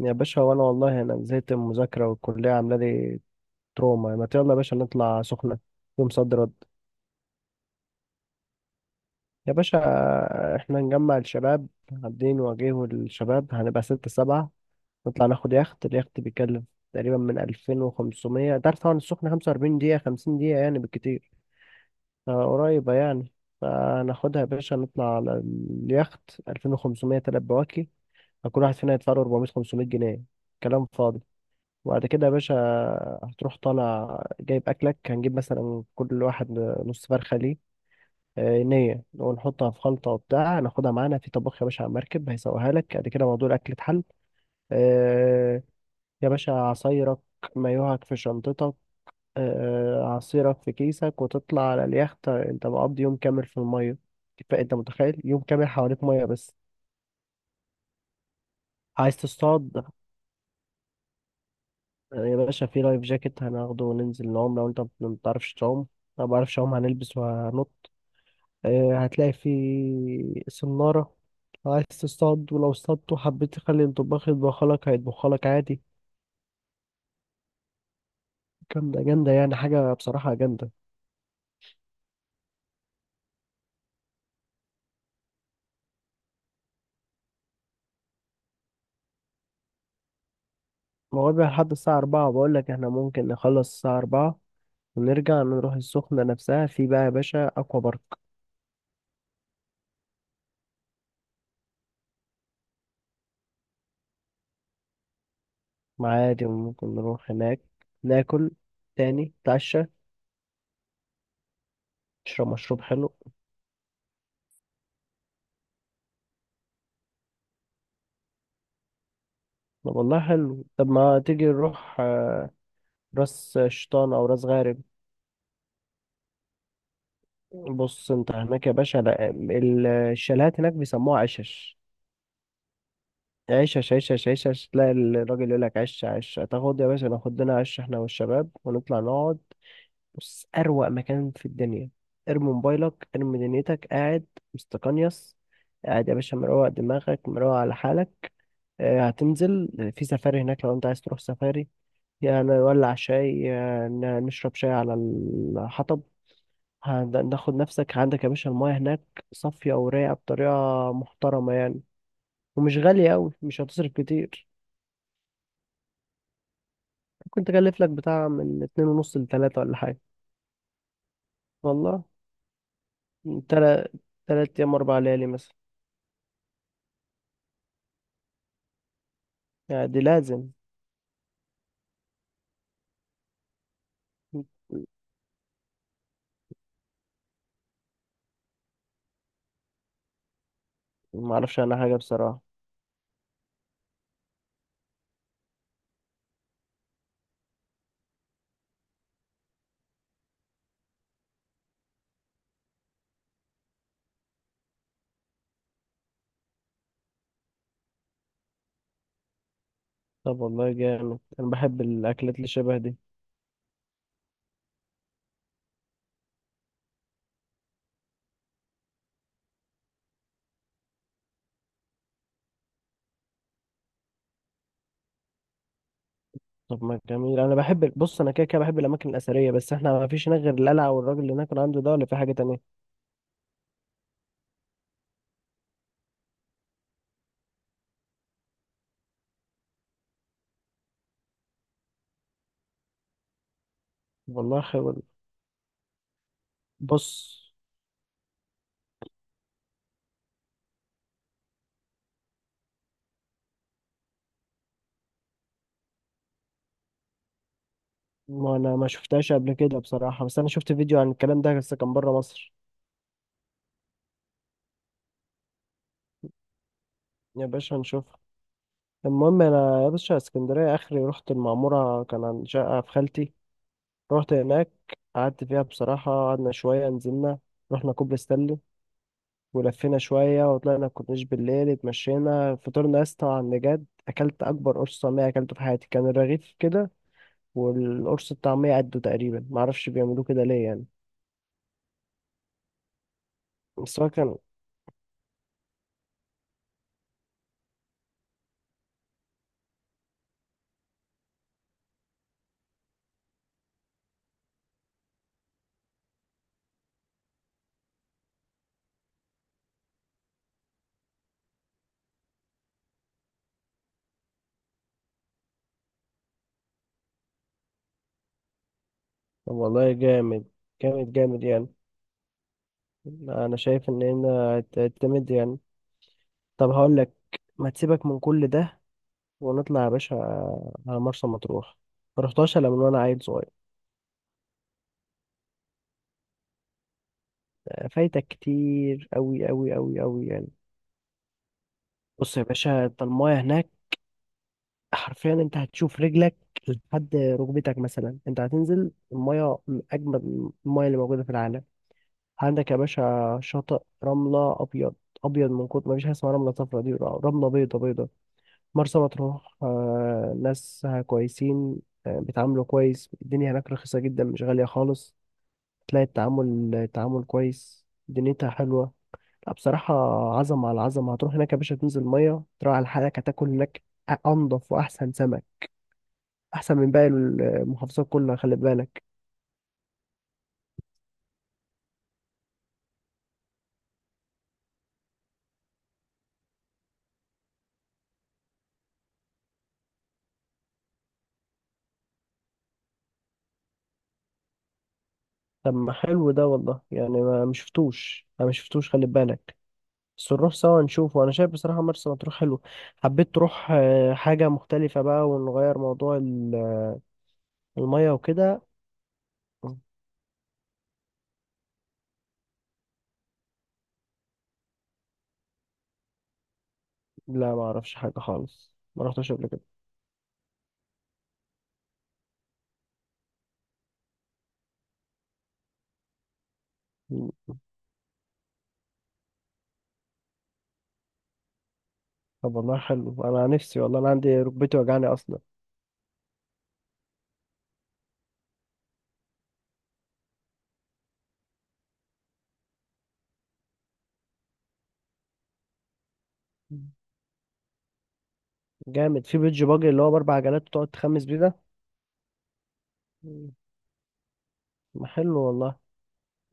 يا باشا، وانا والله انا زهقت من المذاكره والكليه عامله لي تروما. ما يلا يا باشا نطلع سخنه يوم صد رد. يا باشا احنا نجمع الشباب، عاملين نواجهه الشباب، هنبقى ستة سبعة، نطلع ناخد يخت. اليخت بيتكلف تقريبا من 2500، تعرف طبعا السخنة 45 دقيقة، 50 دقيقة يعني بالكتير. قريبة يعني. فناخدها يا باشا نطلع على اليخت. 2500 تلات بواكي، فكل واحد فينا يدفع له 400 500 جنيه، كلام فاضي. وبعد كده يا باشا هتروح طالع جايب أكلك. هنجيب مثلا كل واحد نص فرخة ليه نية، ونحطها في خلطة وبتاع، ناخدها معانا في طباخ يا باشا على المركب، هيسويها لك. بعد كده موضوع الأكل اتحل. آه، يا باشا عصايرك، مايوهك في شنطتك، عصيرك في كيسك، وتطلع على اليخت. انت مقضي يوم كامل في المية، فأنت متخيل يوم كامل حواليك مية بس. عايز تصطاد؟ يا باشا في لايف جاكيت هناخده وننزل نعوم. لو انت ما بتعرفش تعوم، انا ما بعرفش اعوم، هنلبس وهنط. هتلاقي في سنارة. لو عايز تصطاد، ولو اصطادت وحبيت تخلي الطباخ يطبخلك، هيطبخلك عادي. جامدة جامدة يعني حاجة بصراحة جامدة. موابع لحد الساعة 4. بقولك احنا ممكن نخلص الساعة 4، ونرجع نروح السخنة نفسها. في بقى يا باشا أكوا بارك، عادي ممكن نروح هناك، ناكل، تاني نتعشى، نشرب مشروب حلو. طب والله حلو. طب ما تيجي نروح راس شيطان او راس غارب. بص، انت هناك يا باشا، لا، الشاليهات هناك بيسموها عشش عشش عشش عشش. تلاقي الراجل يقول لك عش عش. تاخد يا باشا، ناخد لنا عش احنا والشباب، ونطلع نقعد. بص، اروق مكان في الدنيا. ارمي موبايلك، ارمي دنيتك، قاعد مستقنيس، قاعد يا باشا، مروق دماغك، مروق على حالك. هتنزل. في سفاري هناك لو انت عايز تروح سفاري. يعني نولع شاي، نشرب شاي على الحطب. ناخد نفسك. عندك يا باشا المايه هناك صافية ورايقة بطريقة محترمة يعني. ومش غالية أوي، مش هتصرف كتير. ممكن تكلف لك بتاع من اتنين ونص لتلاتة ولا حاجة. والله، تلات 3 أيام، 4 ليالي مثلا. يعني دي لازم. معرفش عنها حاجة بصراحة. طب والله جامد، أنا بحب الأكلات اللي شبه دي. طب ما جميل، أنا بحب، بص أنا كده كده بحب الأماكن الأثرية. بس إحنا ما فيش هناك غير القلعة والراجل اللي هناك عنده ده، ولا في حاجة تانية؟ والله خير والله. بص، ما انا ما شفتهاش قبل كده بصراحة، بس انا شفت فيديو عن الكلام ده، بس كان بره مصر. يا باشا هنشوفها. المهم انا يا باشا، اسكندرية اخري رحت المعمورة كان عند شقة في خالتي. رحت هناك، قعدت فيها بصراحة، قعدنا شوية، نزلنا، رحنا كوبري ستانلي، ولفينا شوية، وطلعنا الكورنيش بالليل، اتمشينا، فطرنا يا اسطى على النجاد. أكلت أكبر قرص طعمية أكلته في حياتي، كان الرغيف كده والقرص الطعمية قده تقريبا. معرفش بيعملوه كده ليه يعني، بس هو كان. طب والله جامد، جامد جامد يعني. انا شايف ان هنا هتعتمد يعني. طب هقول لك، ما تسيبك من كل ده، ونطلع يا باشا على مرسى مطروح. ما رحتهاش الا من وانا عيل صغير. فايتك كتير قوي قوي قوي قوي يعني. بص يا باشا، انت المايه هناك، حرفيا انت هتشوف رجلك لحد ركبتك مثلا. انت هتنزل المايه من اجمد المايه اللي موجوده في العالم. عندك يا باشا شاطئ رمله ابيض، ابيض من كتر ما فيش حاجه اسمها رمله صفرا. دي رمله بيضه بيضه. مرسى مطروح ناسها كويسين. بيتعاملوا كويس، الدنيا هناك رخيصة جدا، مش غالية خالص. تلاقي التعامل كويس، دنيتها حلوة. لا بصراحة، عظمة على عظمة. هتروح هناك يا باشا تنزل مية، تروح على حالك، هتاكل هناك أنضف وأحسن سمك، أحسن من باقي المحافظات كلها، خلي بالك. طب ما حلو ده والله يعني، ما مشفتوش أنا مشفتوش خلي بالك. بس نروح سوا نشوفه. أنا شايف بصراحة مرسى مطروح حلو. حبيت تروح حاجة مختلفة بقى، ونغير موضوع المية وكده. لا، ما اعرفش حاجة خالص، ما رحتش قبل كده. مم. طب والله حلو، انا نفسي، والله انا عندي ركبتي وجعني اصلا. مم. جامد في بيتش باجي اللي هو باربع عجلات، وتقعد تخمس بيه ده. مم. ما حلو والله.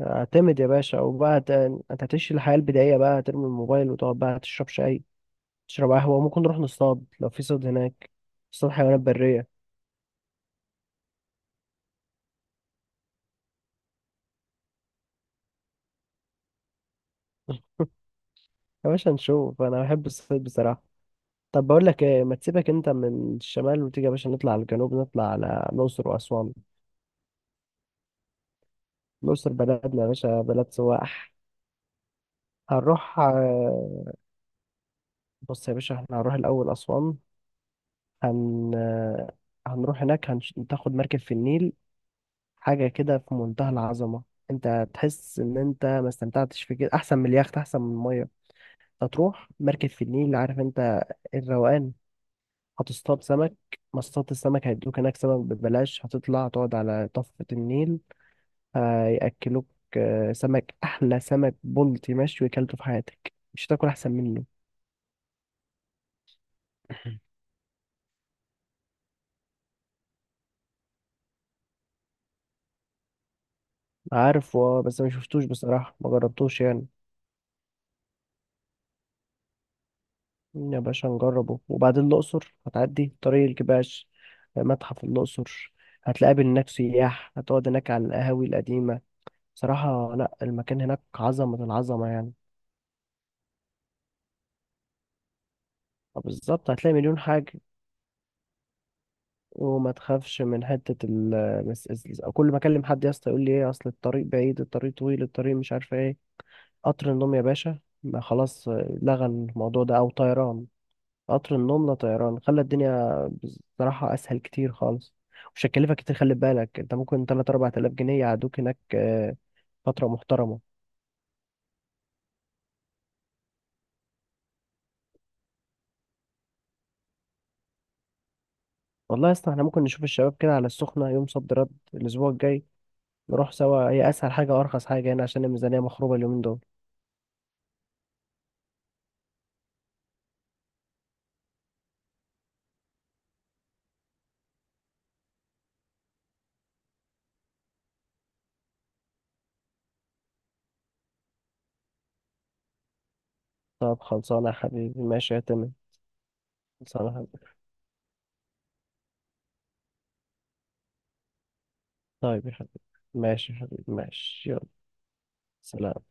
اعتمد يا باشا، وبقى انت هتعيش الحياة البدائية، بقى هترمي الموبايل، وتقعد بقى تشرب شاي، تشرب قهوة، وممكن نروح نصطاد لو في صيد هناك، نصطاد حيوانات برية. يا باشا نشوف، انا بحب الصيد بصراحة. طب بقول لك ايه، ما تسيبك انت من الشمال، وتيجي يا باشا نطلع على الجنوب، نطلع على الأقصر وأسوان. الأقصر بلدنا يا باشا، بلد سواح. هنروح بص يا باشا، احنا هنروح الأول أسوان. هن آه، هنروح هناك، هناخد مركب في النيل، حاجة كده في منتهى العظمة. انت تحس ان انت ما استمتعتش في كده، احسن من اليخت، احسن من المية. هتروح مركب في النيل، عارف انت الروقان. هتصطاد سمك، مصطاد السمك هيدوك هناك سمك ببلاش. هتطلع تقعد على ضفة النيل، هيأكلوك سمك. أحلى سمك بلطي مشوي أكلته في حياتك، مش هتاكل أحسن منه. عارف، اه، بس ما شفتوش بصراحة، ما جربتوش يعني. يا باشا نجربه. وبعدين الأقصر هتعدي طريق الكباش، متحف الأقصر، هتلاقي هناك سياح، هتقعد هناك على القهاوي القديمة. صراحة لا، المكان هناك عظمة العظمة يعني. بالظبط هتلاقي مليون حاجة. وما تخافش من حتة كل ما أكلم حد يا اسطى يقول لي إيه، أصل الطريق بعيد، الطريق طويل، الطريق مش عارفة إيه. قطر النوم يا باشا ما خلاص، لغى الموضوع ده، أو طيران. قطر النوم لا، طيران خلى الدنيا بصراحة أسهل كتير خالص. مش هتكلفك كتير، خلي بالك أنت، ممكن 3 أو 4 آلاف جنيه يقعدوك هناك فترة محترمة. والله يا اسطى، احنا ممكن نشوف الشباب كده على السخنة يوم صد رد الأسبوع الجاي. نروح سوا، هي أسهل حاجة وأرخص حاجة هنا، عشان الميزانية مخروبة اليومين دول. طب خلصانة يا حبيبي، ماشي يا تمام. خلصانة يا حبيبي. طيب يا حبيبي، ماشي يا حبيبي، ماشي، يلا سلام.